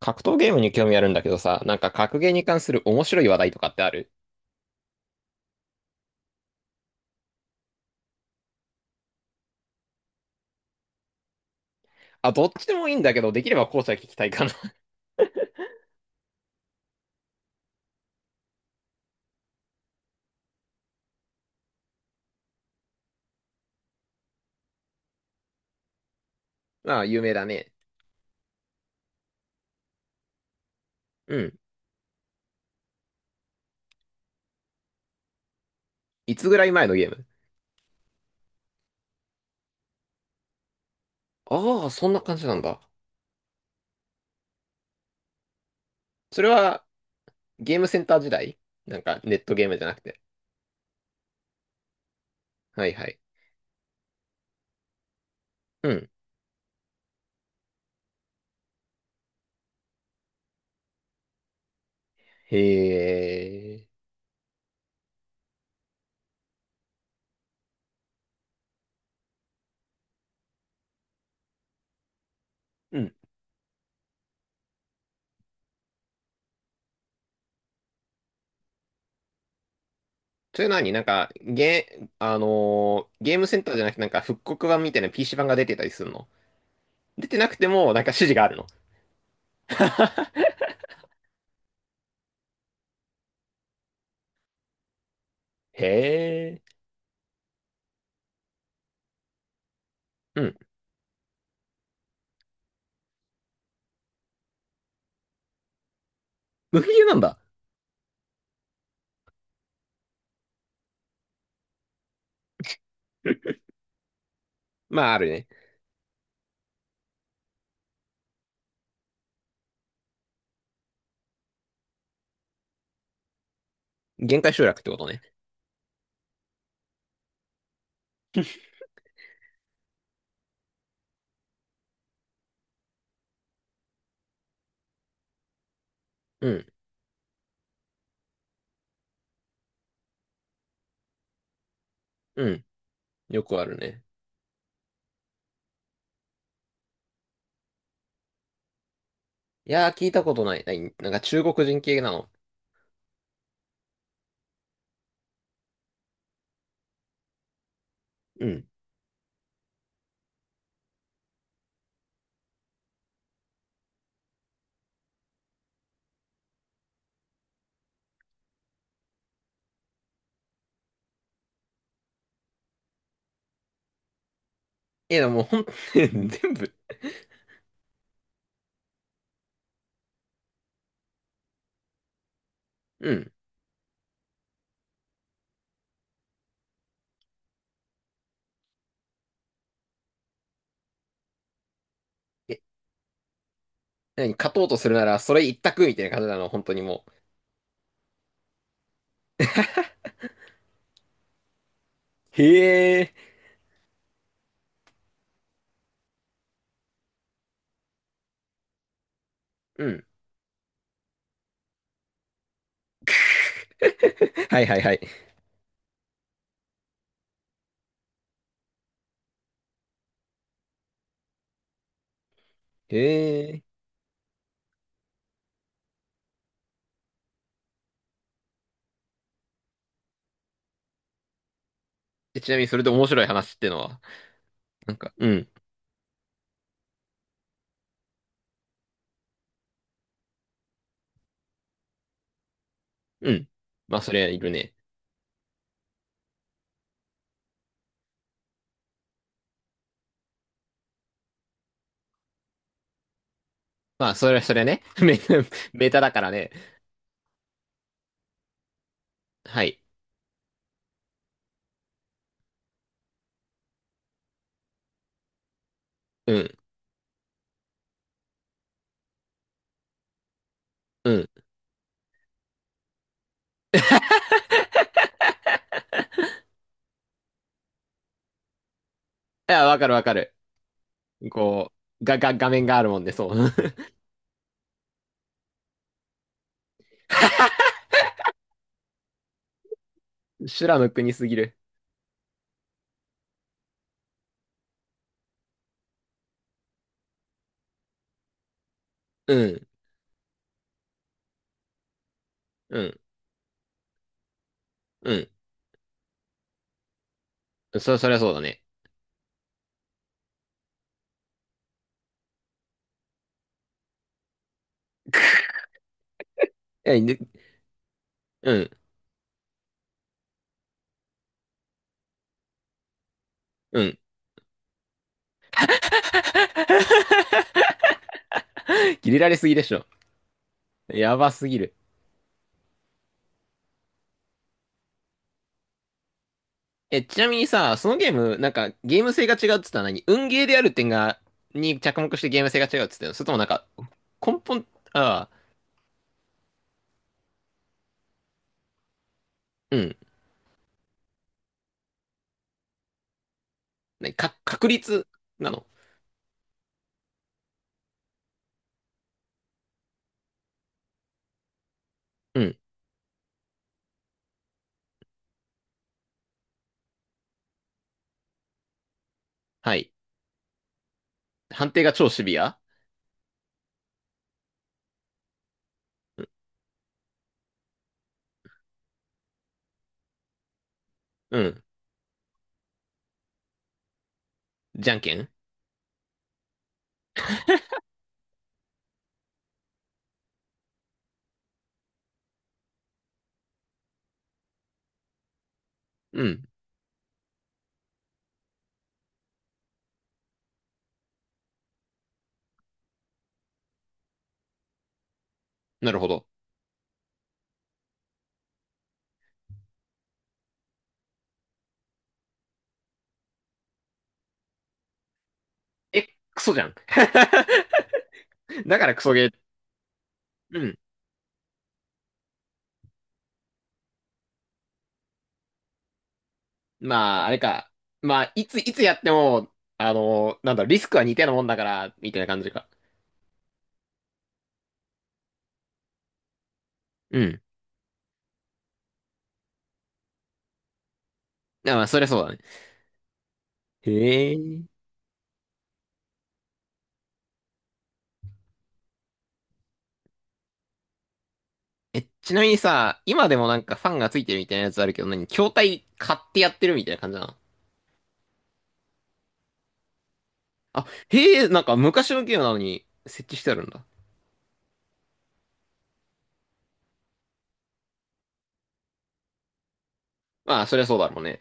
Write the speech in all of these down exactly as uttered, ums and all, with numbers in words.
格闘ゲームに興味あるんだけどさ、なんか格ゲーに関する面白い話題とかってある？あ、どっちでもいいんだけど、できれば後者聞きたいかな。ああ、有名だね。うん。いつぐらい前のゲーム？ああ、そんな感じなんだ。それは、ゲームセンター時代、なんか、ネットゲームじゃなくて。はいはい。うん。へえ。うん。それ何、なんか、ゲー、あのーゲームセンターじゃなくて、なんか、復刻版みたいな ピーシー 版が出てたりするの？出てなくても、なんか指示があるの？へえ。うん。無理なんだ。まあ、あるね。限界集落ってことね。うん。うん。よくあるね。いやー、聞いたことない。ない、なんか中国人系なの？うん。いや、でもほん、全部。うん。え、何、勝とうとするなら、それ一択みたいな感じなの、本当にもう。へえ。うん。はいはいはい。へえ。え、ちなみに、それで面白い話ってのは、なんか、うん。うん。まあ、それはいるね。まあ、それは、それはね。メタ、メタだからね。はい。うん。うん。いや、わかるわかる。こう、が、が、画面があるもんで、そう。修羅の国すぎる。うん、うん、うん。そ、そりゃそうだね。え、で、うん、うん。切れられすぎでしょ。やばすぎる。え、ちなみにさ、そのゲーム、なんか、ゲーム性が違うっつったのは何、運ゲーである点が、に着目してゲーム性が違うっつったの、それともなんか、根本、ああ、うん。ねか、確率なの？うん。はい。判定が超シビア？うん。じゃんけん？うん。なるほど。え、クソじゃん。だからクソゲー。うん。まあ、あれか。まあ、いつ、いつやっても、あの、なんだろう、リスクは似たようなもんだから、みたいな感じか。うん。あ、まあ、そりゃそうだね。へえ。え、ちなみにさ、今でもなんかファンがついてるみたいなやつあるけど、何、筐体買ってやってるみたいな感じなの？あ、へえ、なんか昔のゲームなのに設置してあるんだ。まあ、そりゃそうだろうね。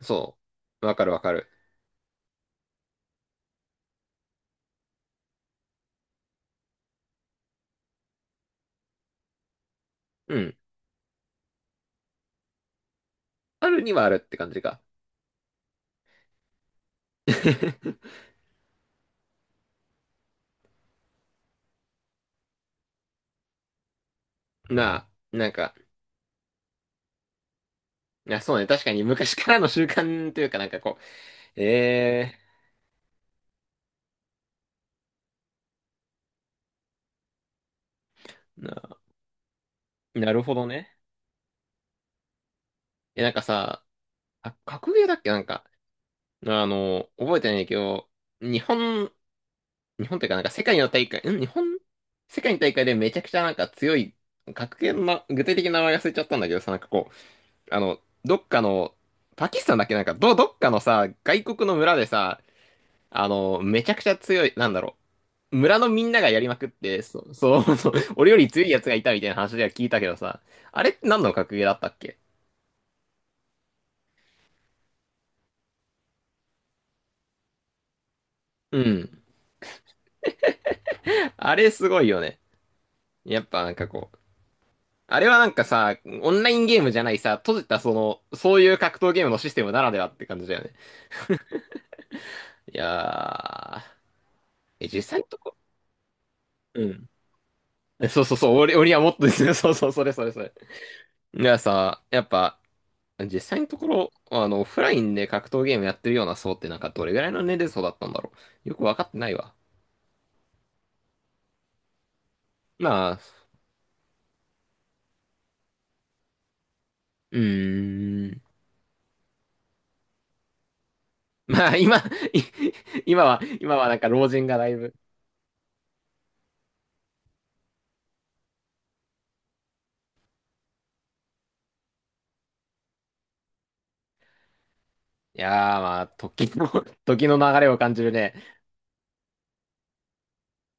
そう。わかるわかる。うん。あるにはあるって感じか。なあ、なんか、いや、そうね。確かに昔からの習慣というかなんかこう、ええ。なるほどね。え、なんかさ、あ、格ゲーだっけ、なんか、あの、覚えてないけど、日本、日本というかなんか世界の大会、ん、日本世界の大会でめちゃくちゃなんか強い、格ゲーのな、具体的な名前忘れちゃったんだけどさ、なんかこう、あの、どっかの、パキスタンだっけ、なんか、ど、どっかのさ、外国の村でさ、あの、めちゃくちゃ強い、なんだろう、村のみんながやりまくって、そう、そう、そう、俺より強いやつがいたみたいな話では聞いたけどさ、あれって何の格ゲーだったっけ？うん。あれすごいよね。やっぱなんかこう、あれはなんかさ、オンラインゲームじゃないさ、閉じたその、そういう格闘ゲームのシステムならではって感じだよね。いやー、え、実際のとこ、うん。え、そうそうそう、俺、俺はもっとですね、そうそう、それそれそれ。いやさ、やっぱ、実際のところ、あの、オフラインで格闘ゲームやってるような層ってなんかどれぐらいの年齢層だったんだろう。よくわかってないわ。まあ、うーん。まあ、今、い、今は、今はなんか老人がだいぶ。いやー、まあ、時の、時の流れを感じるね。